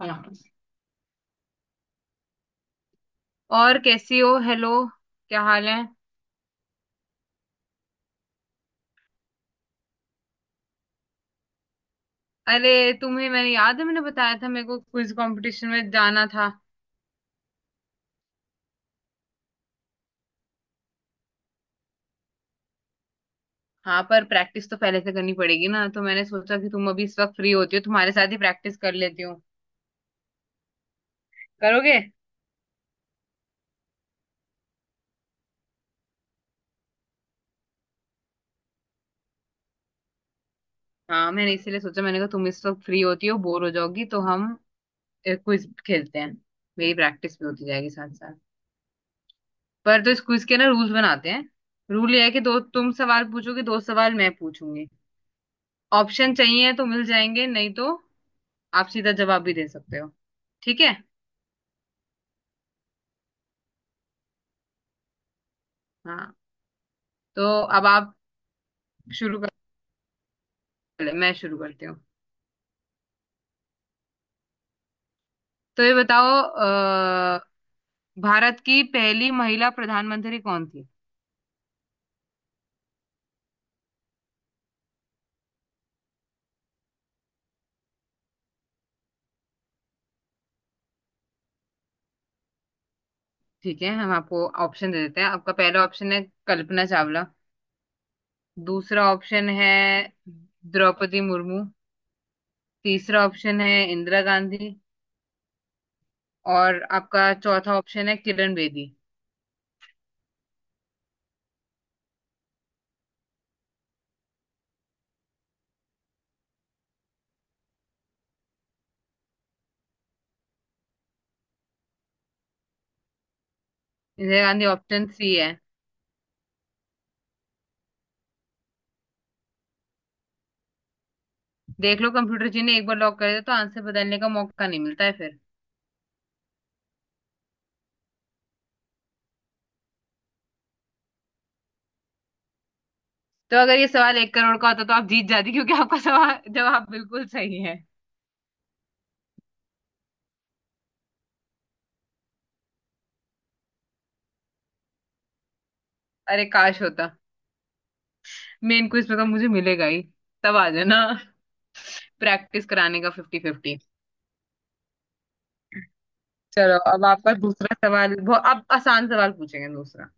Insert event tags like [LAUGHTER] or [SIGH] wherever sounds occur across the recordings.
हाँ। और कैसी हो? हेलो, क्या हाल है? अरे तुम्हें, मैंने याद है, मैंने बताया था मेरे को क्विज कंपटीशन में जाना था। हाँ, पर प्रैक्टिस तो पहले से करनी पड़ेगी ना, तो मैंने सोचा कि तुम अभी इस वक्त फ्री होती हो, तुम्हारे साथ ही प्रैक्टिस कर लेती हूँ। करोगे? हाँ, मैंने इसीलिए सोचा, मैंने कहा तुम इस वक्त फ्री होती हो, बोर हो जाओगी, तो हम क्विज खेलते हैं। मेरी प्रैक्टिस भी होती जाएगी साथ साथ। पर तो इस क्विज के ना रूल्स बनाते हैं। रूल ये है कि दो तुम सवाल पूछोगे, दो सवाल मैं पूछूंगी। ऑप्शन चाहिए तो मिल जाएंगे, नहीं तो आप सीधा जवाब भी दे सकते हो। ठीक है? हाँ, तो अब आप शुरू कर, पहले मैं शुरू करती हूँ। तो ये बताओ भारत की पहली महिला प्रधानमंत्री कौन थी? ठीक है, हम आपको ऑप्शन दे देते हैं। आपका पहला ऑप्शन है कल्पना चावला। दूसरा ऑप्शन है द्रौपदी मुर्मू। तीसरा ऑप्शन है इंदिरा गांधी। और आपका चौथा ऑप्शन है किरण बेदी। इंदिरा गांधी ऑप्शन सी है। देख लो, कंप्यूटर जी ने एक बार लॉक कर दिया तो आंसर बदलने का मौका नहीं मिलता है फिर। तो अगर ये सवाल 1 करोड़ का होता तो आप जीत जाती, क्योंकि आपका सवाल [LAUGHS] जवाब बिल्कुल सही है। अरे, काश होता। मेन क्विज में तो मुझे मिलेगा ही। तब आ जाना। प्रैक्टिस कराने का फिफ्टी फिफ्टी। चलो, अब आपका दूसरा सवाल, बहुत अब आसान सवाल पूछेंगे दूसरा।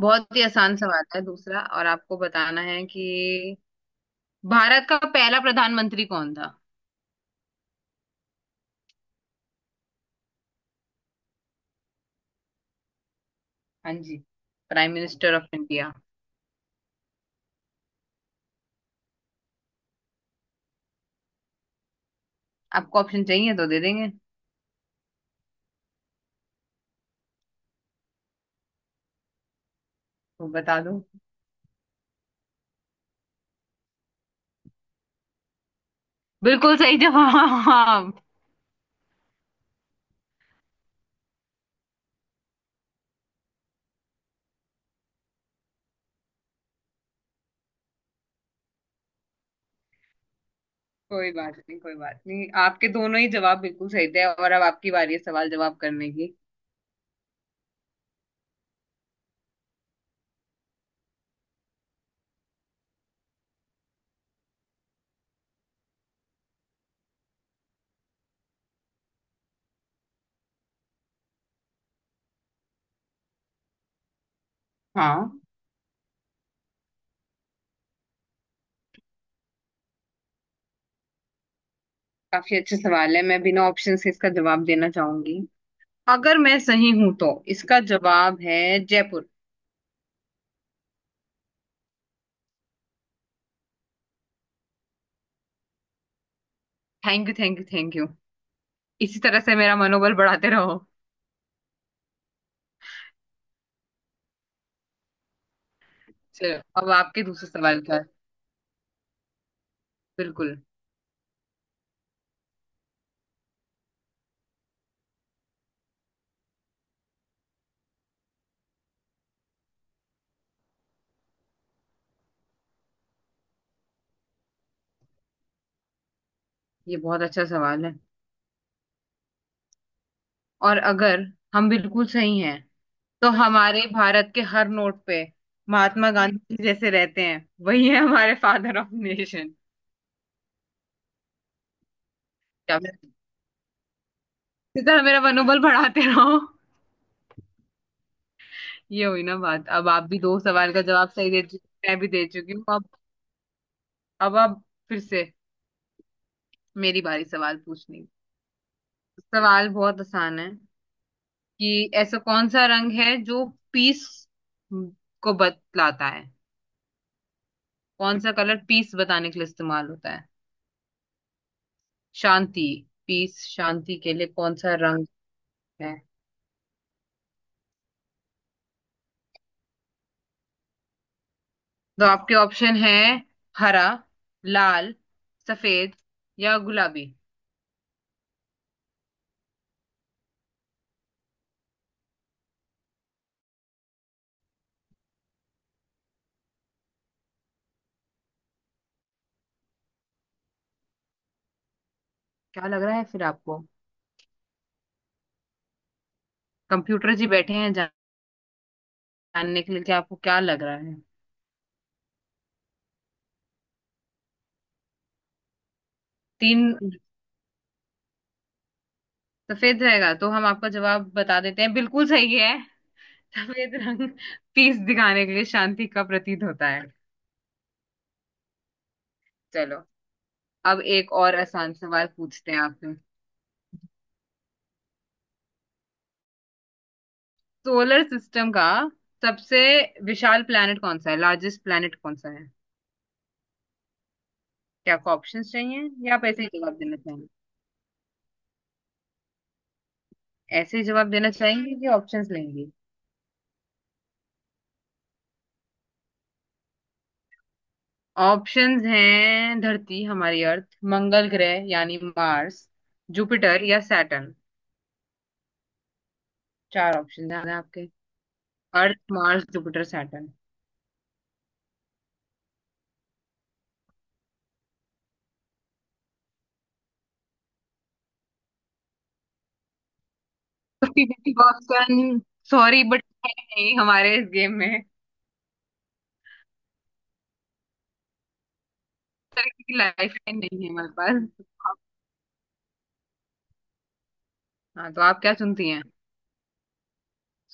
बहुत ही आसान सवाल है दूसरा, और आपको बताना है कि भारत का पहला प्रधानमंत्री कौन था? हाँ जी, प्राइम मिनिस्टर ऑफ इंडिया। आपको ऑप्शन चाहिए तो दे देंगे। तो बता दो। बिल्कुल सही जवाब। कोई बात नहीं, कोई बात नहीं, आपके दोनों ही जवाब बिल्कुल सही थे। और अब आपकी बारी है सवाल जवाब करने की। हाँ, काफी अच्छे सवाल है। मैं बिना ऑप्शन से इसका जवाब देना चाहूंगी। अगर मैं सही हूं तो इसका जवाब है Jaipur. Thank you, thank you, thank you. इसी तरह से मेरा मनोबल बढ़ाते रहो। चलो, अब आपके दूसरे सवाल का। बिल्कुल। ये बहुत अच्छा सवाल है। और अगर हम बिल्कुल सही हैं, तो हमारे भारत के हर नोट पे महात्मा गांधी जी जैसे रहते हैं, वही है हमारे फादर ऑफ नेशन। क्या इसी तरह मेरा मनोबल बढ़ाते रहो। ये हुई ना बात। अब आप भी दो सवाल का जवाब सही दे चुकी, मैं भी दे चुकी हूँ। अब आप फिर से मेरी बारी सवाल पूछने की। सवाल बहुत आसान है कि ऐसा कौन सा रंग है जो पीस को बतलाता है? कौन सा कलर पीस बताने के लिए इस्तेमाल होता है? शांति, पीस शांति के लिए कौन सा रंग है? तो आपके ऑप्शन है हरा, लाल, सफेद या गुलाबी। क्या लग रहा है फिर आपको? कंप्यूटर जी बैठे हैं जानने के लिए कि आपको क्या लग रहा है। तीन, सफेद रहेगा तो हम आपका जवाब बता देते हैं, बिल्कुल सही है। सफेद रंग पीस दिखाने के लिए शांति का प्रतीक होता है। चलो, अब एक और आसान सवाल पूछते हैं आपसे। सोलर सिस्टम का सबसे विशाल प्लैनेट कौन सा है, लार्जेस्ट प्लैनेट कौन सा है? क्या आपको ऑप्शंस चाहिए या आप ऐसे ही जवाब देना चाहेंगे? ऐसे ही जवाब देना चाहेंगे कि ऑप्शंस लेंगे? ऑप्शंस हैं धरती हमारी अर्थ, मंगल ग्रह यानी मार्स, जुपिटर या सैटर्न। चार ऑप्शंस हैं आपके, earth, Mars, Jupiter, Saturn. Fifty fifty option, sorry but नहीं, हमारे इस गेम में इस तरीके की लाइफ लाइन नहीं है हमारे पास। हाँ, तो आप क्या चुनती हैं?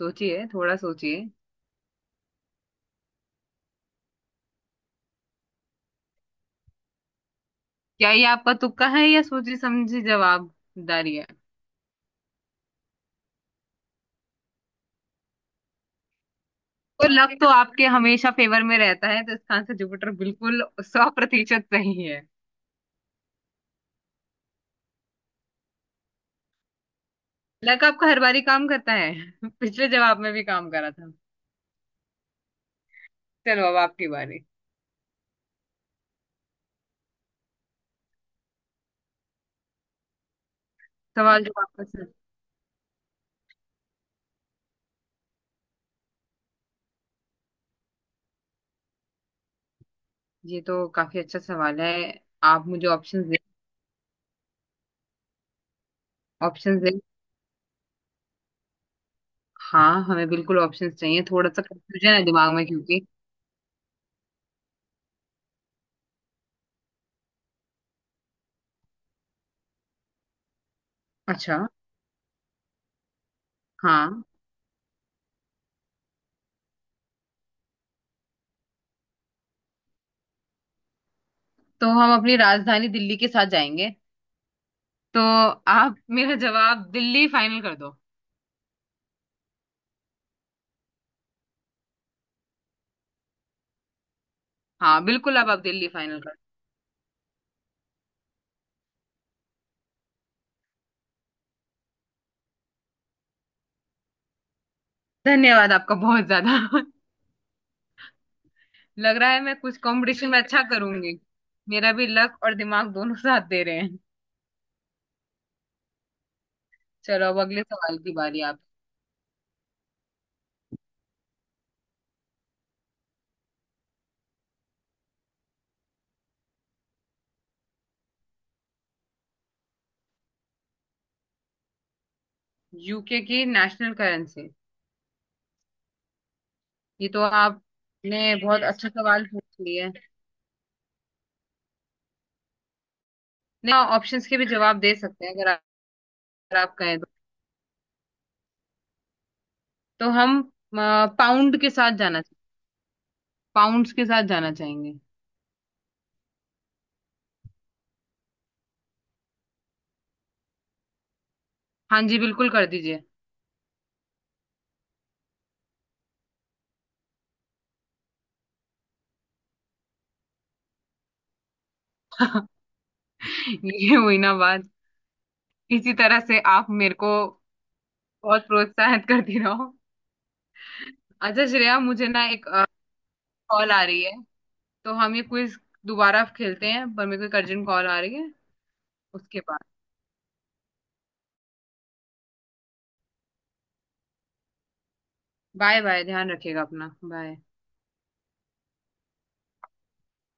सोचिए, थोड़ा सोचिए। क्या ये आपका तुक्का है या सोची समझी जवाबदारी है? तो लक तो आपके हमेशा फेवर में रहता है, तो इसका आंसर जुपिटर, बिल्कुल 100% सही है। लक आपका हर बारी काम करता है [LAUGHS] पिछले जवाब में भी काम करा था। चलो, अब आपकी बारी। सवाल जो आपका सर, ये तो काफी अच्छा सवाल है। आप मुझे ऑप्शंस दे, ऑप्शंस दे। हाँ, हमें बिल्कुल ऑप्शंस चाहिए, थोड़ा सा कंफ्यूजन है दिमाग में क्योंकि अच्छा, हाँ, तो हम अपनी राजधानी दिल्ली के साथ जाएंगे। तो आप मेरा जवाब दिल्ली फाइनल कर दो। हाँ बिल्कुल, अब आप दिल्ली फाइनल कर दो। धन्यवाद आपका बहुत ज्यादा [LAUGHS] लग रहा है मैं कुछ कंपटीशन में अच्छा करूंगी, मेरा भी लक और दिमाग दोनों साथ दे रहे हैं। चलो, अब अगले सवाल की बारी आप। यूके की नेशनल करेंसी, ये तो आपने बहुत अच्छा सवाल पूछ लिया है। नहीं, ऑप्शंस के भी जवाब दे सकते हैं अगर आप, कहें तो। तो हम पाउंड के साथ जाना, पाउंड्स के साथ जाना चाहेंगे। हाँ जी, बिल्कुल कर दीजिए। [LAUGHS] ये हुई ना बात। इसी तरह से आप मेरे को बहुत प्रोत्साहित करती रहो। अच्छा श्रेया, मुझे ना एक कॉल आ रही है, तो हम ये क्विज दोबारा खेलते हैं, पर मेरे को एक अर्जेंट कॉल आ रही है उसके बाद। बाय बाय, ध्यान रखिएगा अपना, बाय।